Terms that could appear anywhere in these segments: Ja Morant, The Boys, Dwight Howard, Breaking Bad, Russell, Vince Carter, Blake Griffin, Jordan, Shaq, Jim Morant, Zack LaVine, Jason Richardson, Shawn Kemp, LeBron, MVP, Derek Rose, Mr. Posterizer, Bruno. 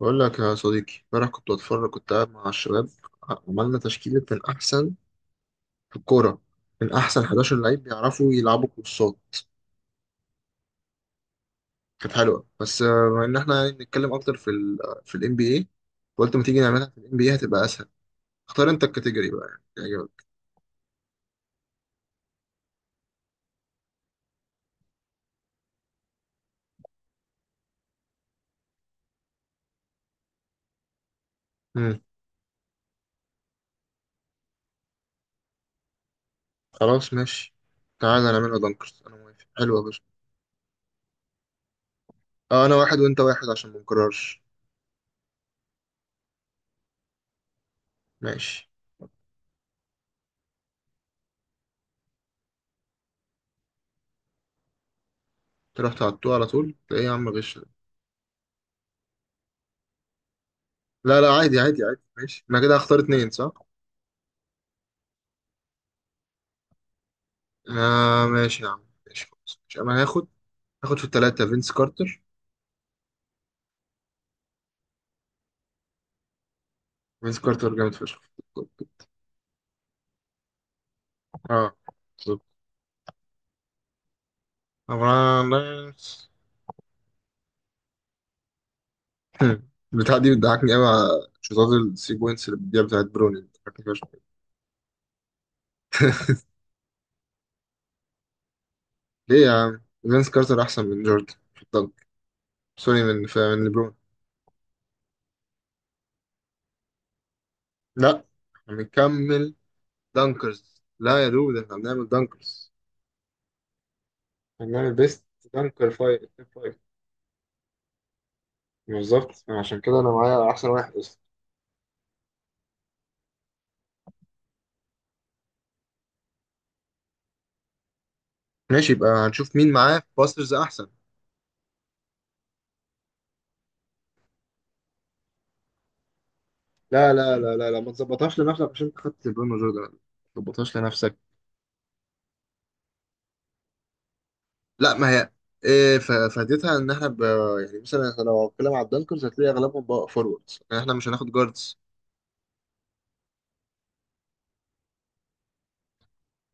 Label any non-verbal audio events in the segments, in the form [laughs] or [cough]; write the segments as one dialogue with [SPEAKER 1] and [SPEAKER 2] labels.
[SPEAKER 1] بقول لك يا صديقي، امبارح كنت بتفرج، كنت قاعد مع الشباب. عملنا تشكيلة من أحسن في الكورة، من أحسن 11 لعيب بيعرفوا يلعبوا كورسات. كانت حلوة، بس بما إن إحنا نتكلم أكتر في ال NBA، قلت ما تيجي نعملها في ال NBA، هتبقى أسهل. اختار أنت الكاتيجوري بقى يعني يعجبك. مم. خلاص ماشي، تعالى نعملها دانكرز، أنا موافق، حلو يا باشا. آه، أنا واحد وأنت واحد عشان ما نكررش. ماشي. تروح تعطوه على طول؟ إيه يا عم غش ده؟ لا لا، عادي عادي عادي، ماشي أنا كده هختار اتنين صح؟ آه ماشي يا عم، ماشي خلاص، مش انا هاخد، هاخد في التلاتة فينس كارتر. فينس كارتر جامد فشخ. اه بالظبط. أمرا- البتاع [laughs] دي بتضحكني قوي على شوطات الثري بوينتس اللي بتضيع بتاعت بروني، بتضحكني فشخ. [laughs] ليه يا عم، فينس كارتر احسن من جوردن في الدنك. سوري، من ليبرون. لا، احنا بنكمل. دانكرز، لا يا دود، احنا بنعمل دانكرز، احنا بنعمل بيست دانكر فايف. بالظبط، عشان كده انا معايا احسن واحد. ماشي، يبقى هنشوف مين معاه في باسترز احسن. لا لا لا لا لا، ما تظبطهاش لنفسك عشان انت خدت برونو جوردن، ما تظبطهاش لنفسك. لا ما هي، إيه فائدتها ان يعني مثلا إحنا لو هنتكلم على الدنكرز هتلاقي اغلبهم بقى فوروردز، يعني احنا مش هناخد جاردز.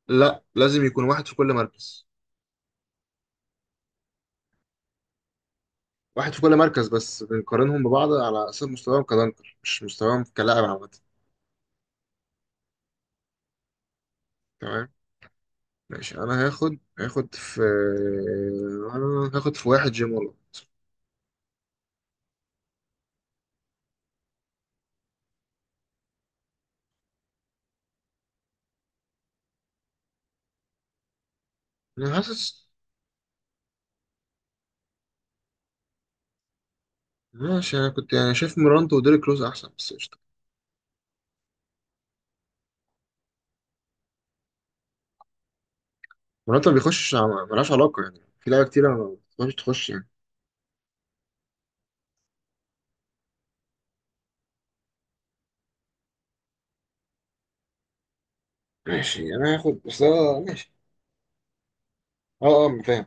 [SPEAKER 1] لا، لازم يكون واحد في كل مركز. واحد في كل مركز، بس بنقارنهم ببعض على اساس مستواهم كدنكر، مش مستواهم كلاعب عامة. تمام. ماشي انا هاخد، هاخد في، انا هاخد في واحد جيمولو. انا حاسس. ماشي، انا كنت يعني شايف مرانتو وديريك روز احسن، بس قشطه. مرانتو ما بيخشش، ملهاش علاقه، يعني في لعيبه كتيره ما بتخش تخش يعني. ماشي انا هاخد، بس ماشي. اه اه فاهم.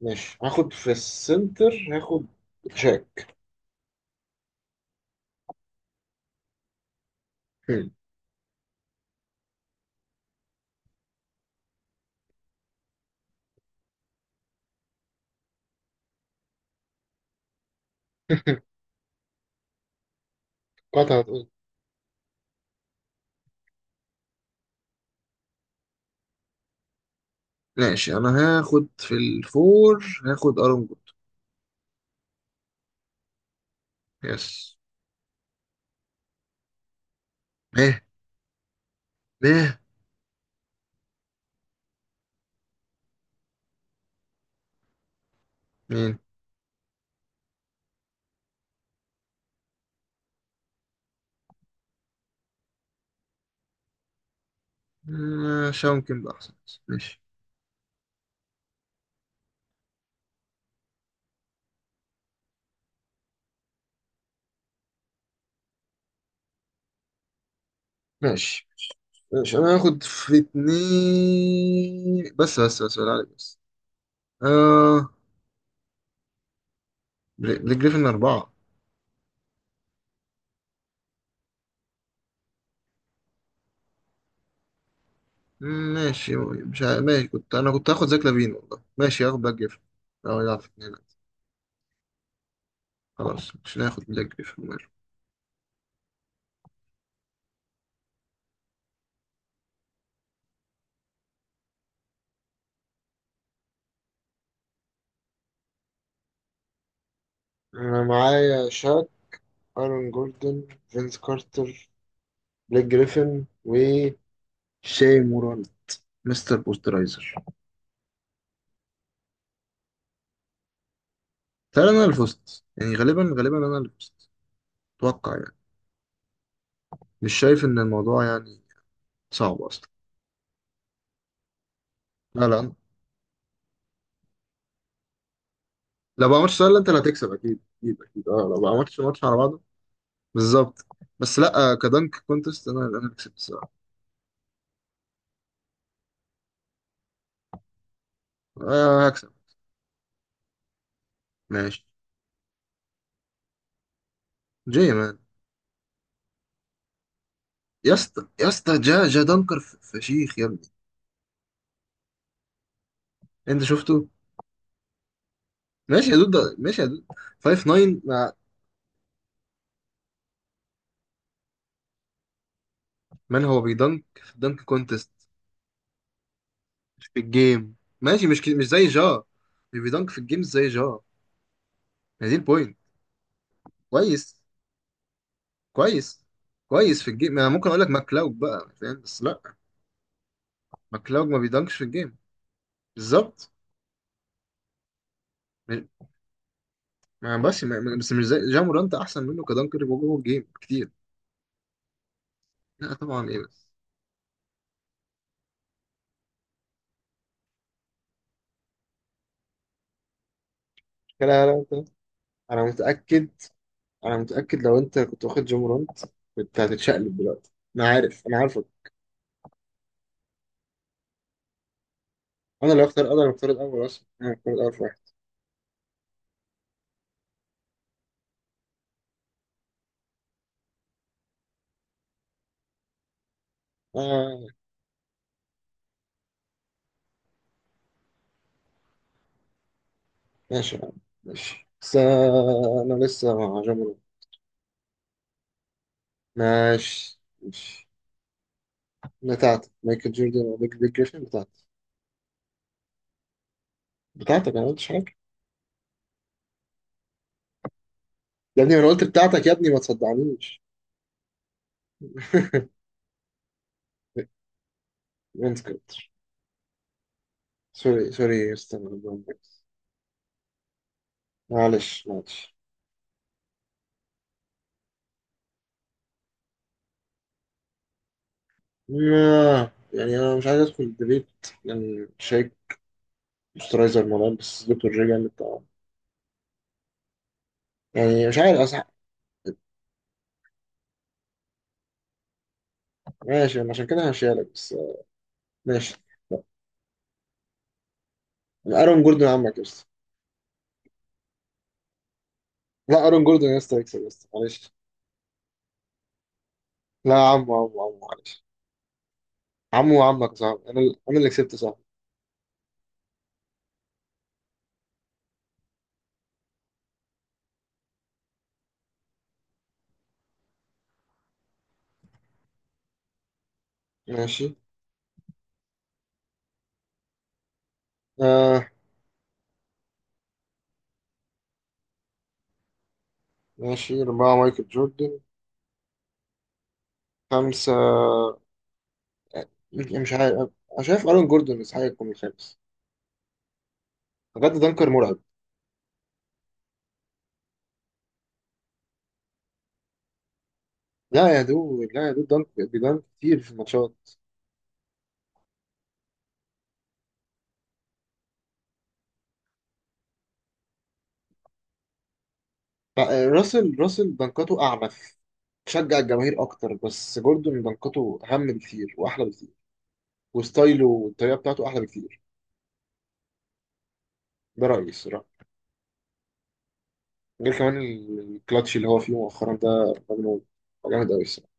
[SPEAKER 1] ماشي هاخد في السنتر، هاخد شاك. هم. [laughs] قطعة هتقول. ماشي انا هاخد في الفور، هاخد ارون جود. يس. ايه. ايه. مين؟ شاون كيمب احسن بس. ماشي. ماشي، ماشي انا هاخد في اتنين، بس بس بس بالله عليك. بس بليك جريفن أربعة. ماشي، مش ه... ماشي، أنا كنت هاخد زاك لافين والله، ماشي هاخد بلاك جريفن لو يلعب في اتنين. خلاص مش هناخد بلاك جريفن، ماله. أنا معايا شاك، أرون جوردن، فينس كارتر، بليك جريفن، وشاي موران، مستر بوسترايزر. تعالى، أنا اللي فزت يعني، غالبا غالبا أنا اللي فزت. أتوقع يعني، مش شايف إن الموضوع يعني صعب أصلا. لا لا، لو ما عملتش سؤال أنت اللي هتكسب، أكيد أكيد أكيد أه، لو ما عملتش ماتش على بعض. بالظبط. بس لا كدنك كونتست انا اللي كسبت الصراحه. آه هكسب. ماشي. جاي مان. يا اسطى يا اسطى، جا جا دنكر فشيخ يا ابني. انت شفته. ماشي يا دود، ماشي يا دود، 5 9 مع. من هو بيدنك في الدنك كونتست؟ مش في الجيم، ماشي، مش زي جا. مش بيدنك في الجيم زي جا. هي دي البوينت. كويس. كويس. كويس، في الجيم انا ممكن اقول لك ماكلاوج بقى فاهم، بس لا. ماكلاوج ما بيدنكش في الجيم. بالظبط. ما بس ما ما- بس مش زي جامورانت، احسن منه كدنكر جوه الجيم كتير. لا طبعا ايه بس. لا لا لا، انا متاكد. انا متاكد لو انت كنت واخد جامورانت كنت هتتشقلب دلوقتي، انا عارف، انا عارفك. انا اللي هختار، انا اللي هختار الاول، اصلا انا هختار الاول في واحد. آه ماشي يا عم، ماشي بس انا لسه مع جامورانت. ماشي ماشي. بتاعتك مايكل جوردن وبيج بيج جريفن بتاعتك؟ بتاعتك، انا ما قلتش حاجه. يا ابني، ما انا قلت بتاعتك، يا ابني ما تصدعنيش. [laughs] وينسكوت. سوري سوري استنى. معلش معلش. يعني انا مش عايز ادخل ديبيت لان شايف مسترايزر مولانا، بس دكتور رجع من الطعام، يعني مش عارف اصح. ماشي، انا عشان كده هشيلك بس ماشي. ارون جوردن عمك يا اسطى. لا، ارون جوردن يا اسطى يكسب يا اسطى، معلش. لا عمو عمو عمو، معلش. عمو عمك صعب، انا انا اللي كسبت صعب. ماشي. آه ماشي، أربعة مايكل جوردن. خمسة مش عارف. أنا شايف أرون جوردن يستحق يكون الخامس، بجد دنكر مرعب. لا يا دو، لا يا دو، دانك بيدانك كتير في الماتشات. لا، راسل راسل دنكاته أعنف، تشجع الجماهير أكتر، بس جوردون دنكاته أهم بكتير وأحلى بكتير، وستايله والطريقة بتاعته أحلى بكتير. ده رأيي الصراحة. غير كمان الكلاتش اللي هو فيه مؤخرا ده مجنون. جامد أوي الصراحة.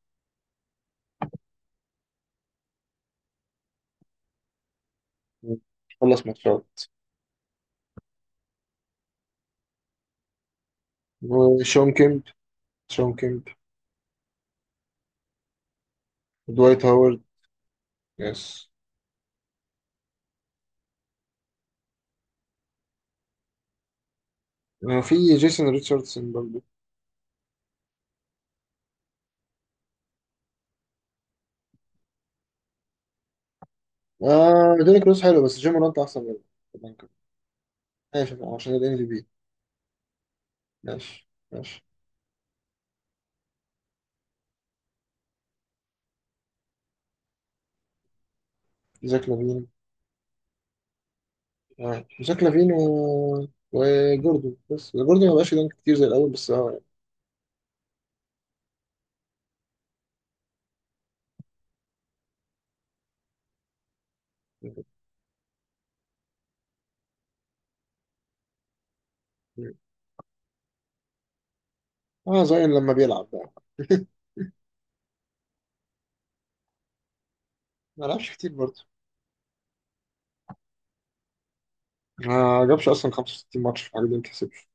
[SPEAKER 1] خلص ماتشات. وشون كيمب. شون كيمب. دوايت هاورد. يس. في جيسون ريتشاردسون برضه. آه ديريك روز حلو، بس جيم مورانت أحسن منه. ممكن. عشان ال MVP. ماشي ماشي. زاك لافين. آه. زاك لافين و... وجوردن، بس جوردن ما بقاش يدنك كتير زي الأول، بس اه يعني. اه زي لما بيلعب بقى. [laughs] ما لعبش كتير برضه. ما جابش أصلا 65 ماتش في حاجة، دي ما تحسبش.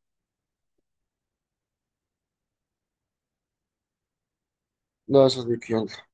[SPEAKER 1] لا يا صديقي يلا.